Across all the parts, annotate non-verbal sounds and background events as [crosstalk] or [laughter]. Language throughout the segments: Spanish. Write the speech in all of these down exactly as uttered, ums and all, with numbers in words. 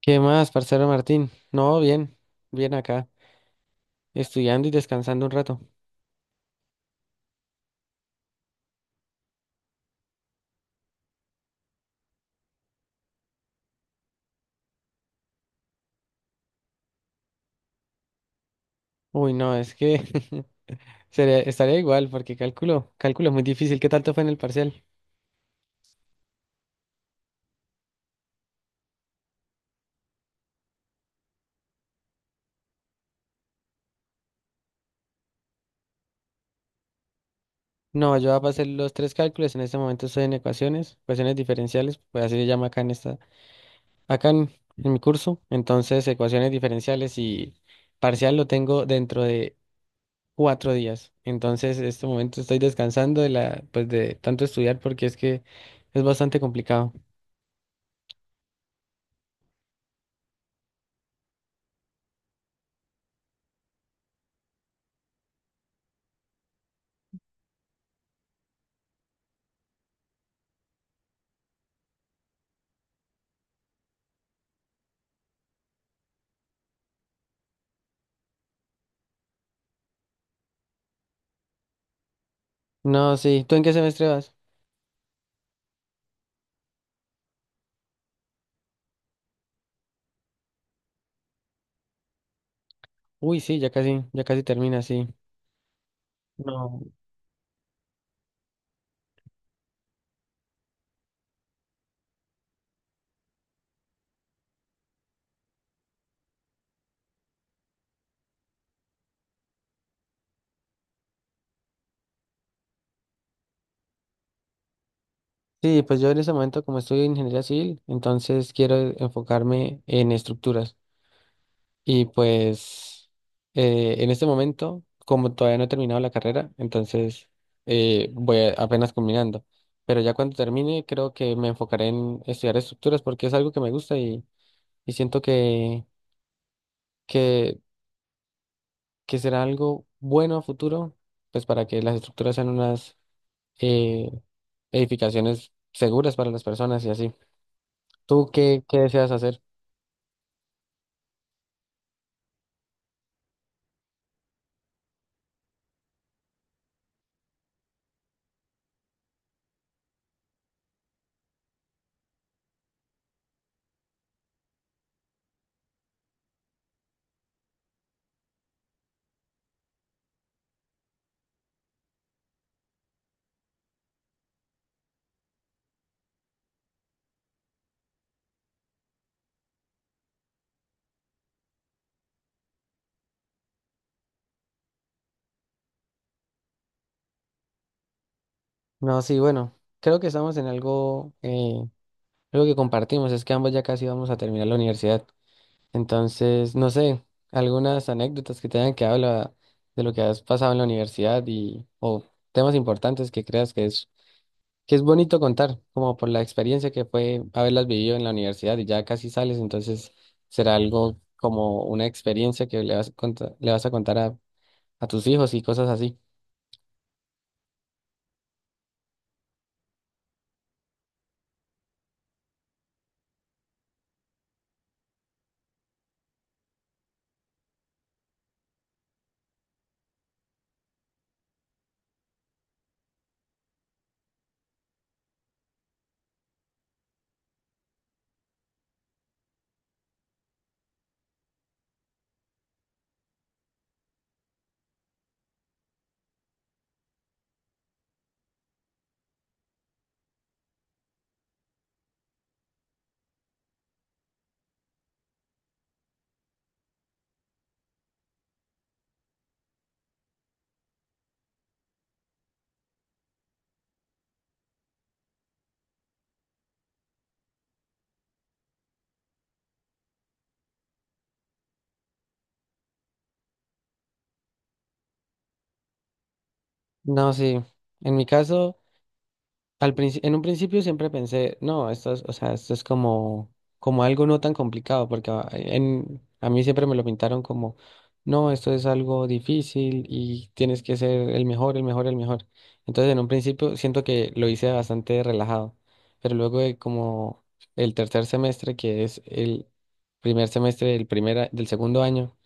¿Qué más, parcero Martín? No, bien, bien acá, estudiando y descansando un rato. Uy, no, es que [laughs] sería, estaría igual porque cálculo, cálculo es muy difícil. ¿Qué tanto fue en el parcial? No, yo voy a hacer los tres cálculos. En este momento estoy en ecuaciones, ecuaciones diferenciales, pues así se llama acá en esta, acá en, en mi curso. Entonces, ecuaciones diferenciales y parcial lo tengo dentro de cuatro días. Entonces, en este momento estoy descansando de la, pues de tanto estudiar porque es que es bastante complicado. No, sí. ¿Tú en qué semestre vas? Uy, sí, ya casi, ya casi termina, sí. No. Sí, pues yo en ese momento como estudio ingeniería civil, entonces quiero enfocarme en estructuras. Y pues eh, en este momento, como todavía no he terminado la carrera, entonces eh, voy a- apenas combinando. Pero ya cuando termine, creo que me enfocaré en estudiar estructuras porque es algo que me gusta y, y siento que, que, que será algo bueno a futuro, pues para que las estructuras sean unas... eh, edificaciones seguras para las personas y así. ¿Tú qué, qué deseas hacer? No, sí, bueno, creo que estamos en algo, eh, algo que compartimos, es que ambos ya casi vamos a terminar la universidad. Entonces, no sé, algunas anécdotas que te hayan quedado de la- de lo que has pasado en la universidad y, o temas importantes que creas que es, que es bonito contar, como por la experiencia que fue haberlas vivido en la universidad y ya casi sales, entonces será algo como una experiencia que le vas a contar, le vas a contar a a tus hijos y cosas así. No, sí. En mi caso, al princi- en un principio siempre pensé, no, esto es, o sea, esto es como, como algo no tan complicado, porque a, en, a mí siempre me lo pintaron como, no, esto es algo difícil y tienes que ser el mejor, el mejor, el mejor. Entonces, en un principio siento que lo hice bastante relajado, pero luego de como el tercer semestre, que es el primer semestre del primer, a- del segundo año,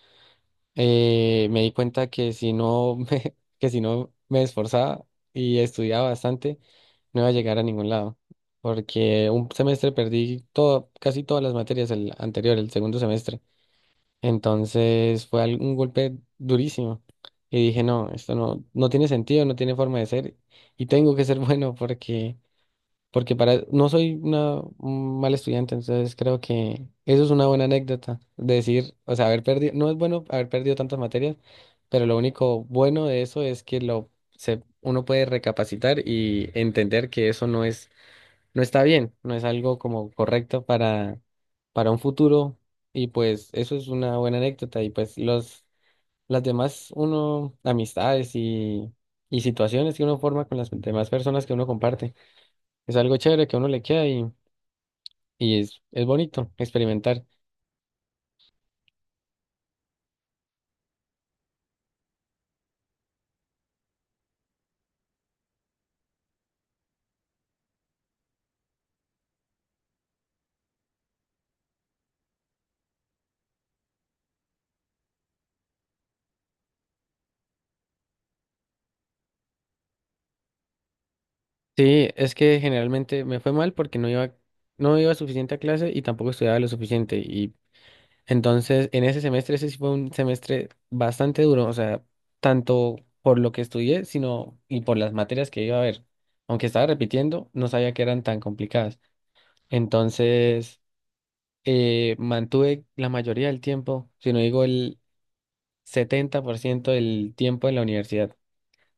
eh, me di cuenta que si no me, [laughs] que si no me esforzaba y estudiaba bastante, no iba a llegar a ningún lado, porque un semestre perdí todo, casi todas las materias el anterior, el segundo semestre. Entonces fue al- un golpe durísimo y dije, no, esto no, no tiene sentido, no tiene forma de ser y tengo que ser [laughs] bueno porque porque para, no soy una, un mal estudiante, entonces creo que eso es una buena anécdota, de decir, o sea, haber perdido, no es bueno haber perdido tantas materias, pero lo único bueno de eso es que lo, se, uno puede recapacitar y entender que eso no es, no está bien, no es algo como correcto para, para un futuro, y pues eso es una buena anécdota, y pues los, las demás, uno, amistades y, y situaciones que uno forma con las demás personas que uno comparte. Es algo chévere que a uno le queda y, y es, es bonito experimentar. Sí, es que generalmente me fue mal porque no iba, no iba suficiente a clase y tampoco estudiaba lo suficiente. Y entonces en ese semestre, ese sí fue un semestre bastante duro, o sea, tanto por lo que estudié, sino y por las materias que iba a ver. Aunque estaba repitiendo, no sabía que eran tan complicadas. Entonces, eh, mantuve la mayoría del tiempo, si no digo el setenta por ciento del tiempo en la universidad,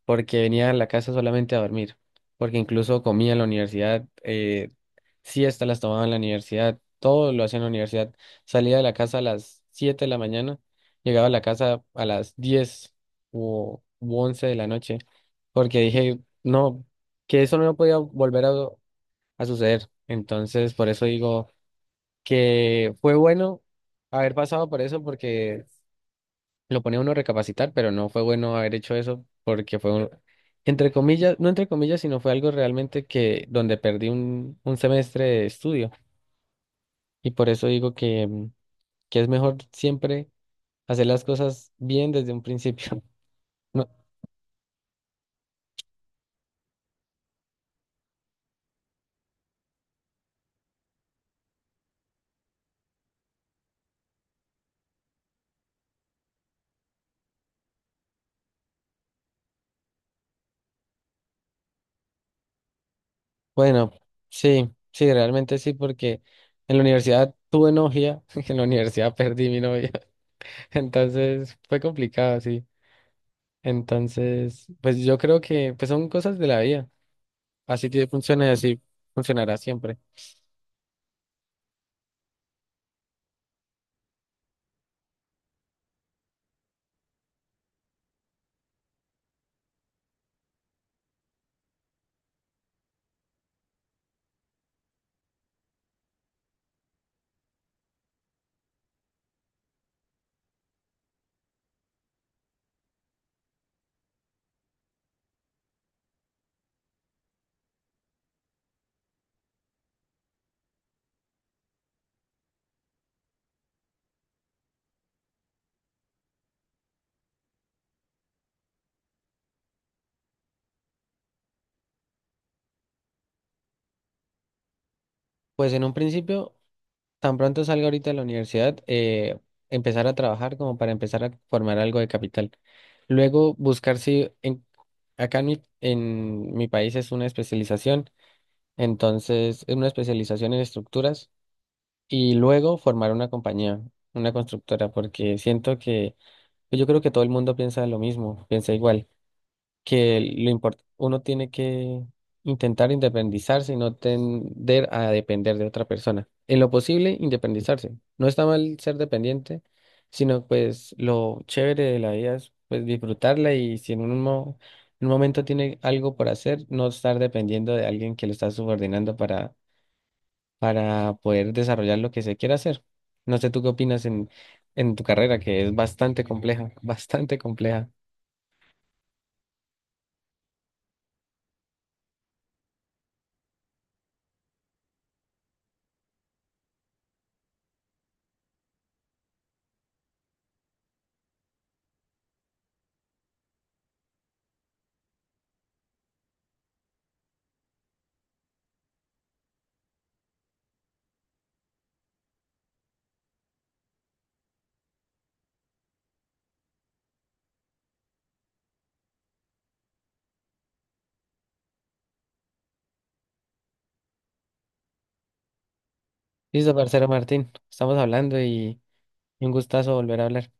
porque venía a la casa solamente a dormir, porque incluso comía en la universidad, eh, siestas las tomaba en la universidad, todo lo hacía en la universidad. Salía de la casa a las siete de la mañana, llegaba a la casa a las diez o u once de la noche, porque dije, no, que eso no podía volver a, a suceder. Entonces, por eso digo que fue bueno haber pasado por eso, porque lo ponía uno a recapacitar, pero no fue bueno haber hecho eso porque fue un, entre comillas, no entre comillas, sino fue algo realmente que donde perdí un, un semestre de estudio. Y por eso digo que, mm, que es mejor siempre hacer las cosas bien desde un principio. [laughs] No, bueno, sí, sí, realmente sí, porque en la universidad tuve novia, [laughs] en la universidad perdí mi novia, [laughs] entonces fue complicado, sí. Entonces, pues yo creo que pues son cosas de la vida. Así te funciona y así funcionará siempre. Pues en un principio, tan pronto salga ahorita de la universidad, eh, empezar a trabajar como para empezar a formar algo de capital. Luego buscar si en, acá en mi, en mi país es una especialización, entonces es una especialización en estructuras y luego formar una compañía, una constructora, porque siento que yo creo que todo el mundo piensa lo mismo, piensa igual. Que lo import- uno tiene que intentar independizarse y no tender a depender de otra persona. En lo posible, independizarse. No está mal ser dependiente, sino pues lo chévere de la vida es pues disfrutarla y si en un, mo- en un momento tiene algo por hacer, no estar dependiendo de alguien que lo está subordinando para, para poder desarrollar lo que se quiera hacer. No sé tú qué opinas en, en tu carrera, que es bastante compleja, [laughs] bastante compleja. Listo, parcero Martín, estamos hablando y... Un gustazo volver a hablar.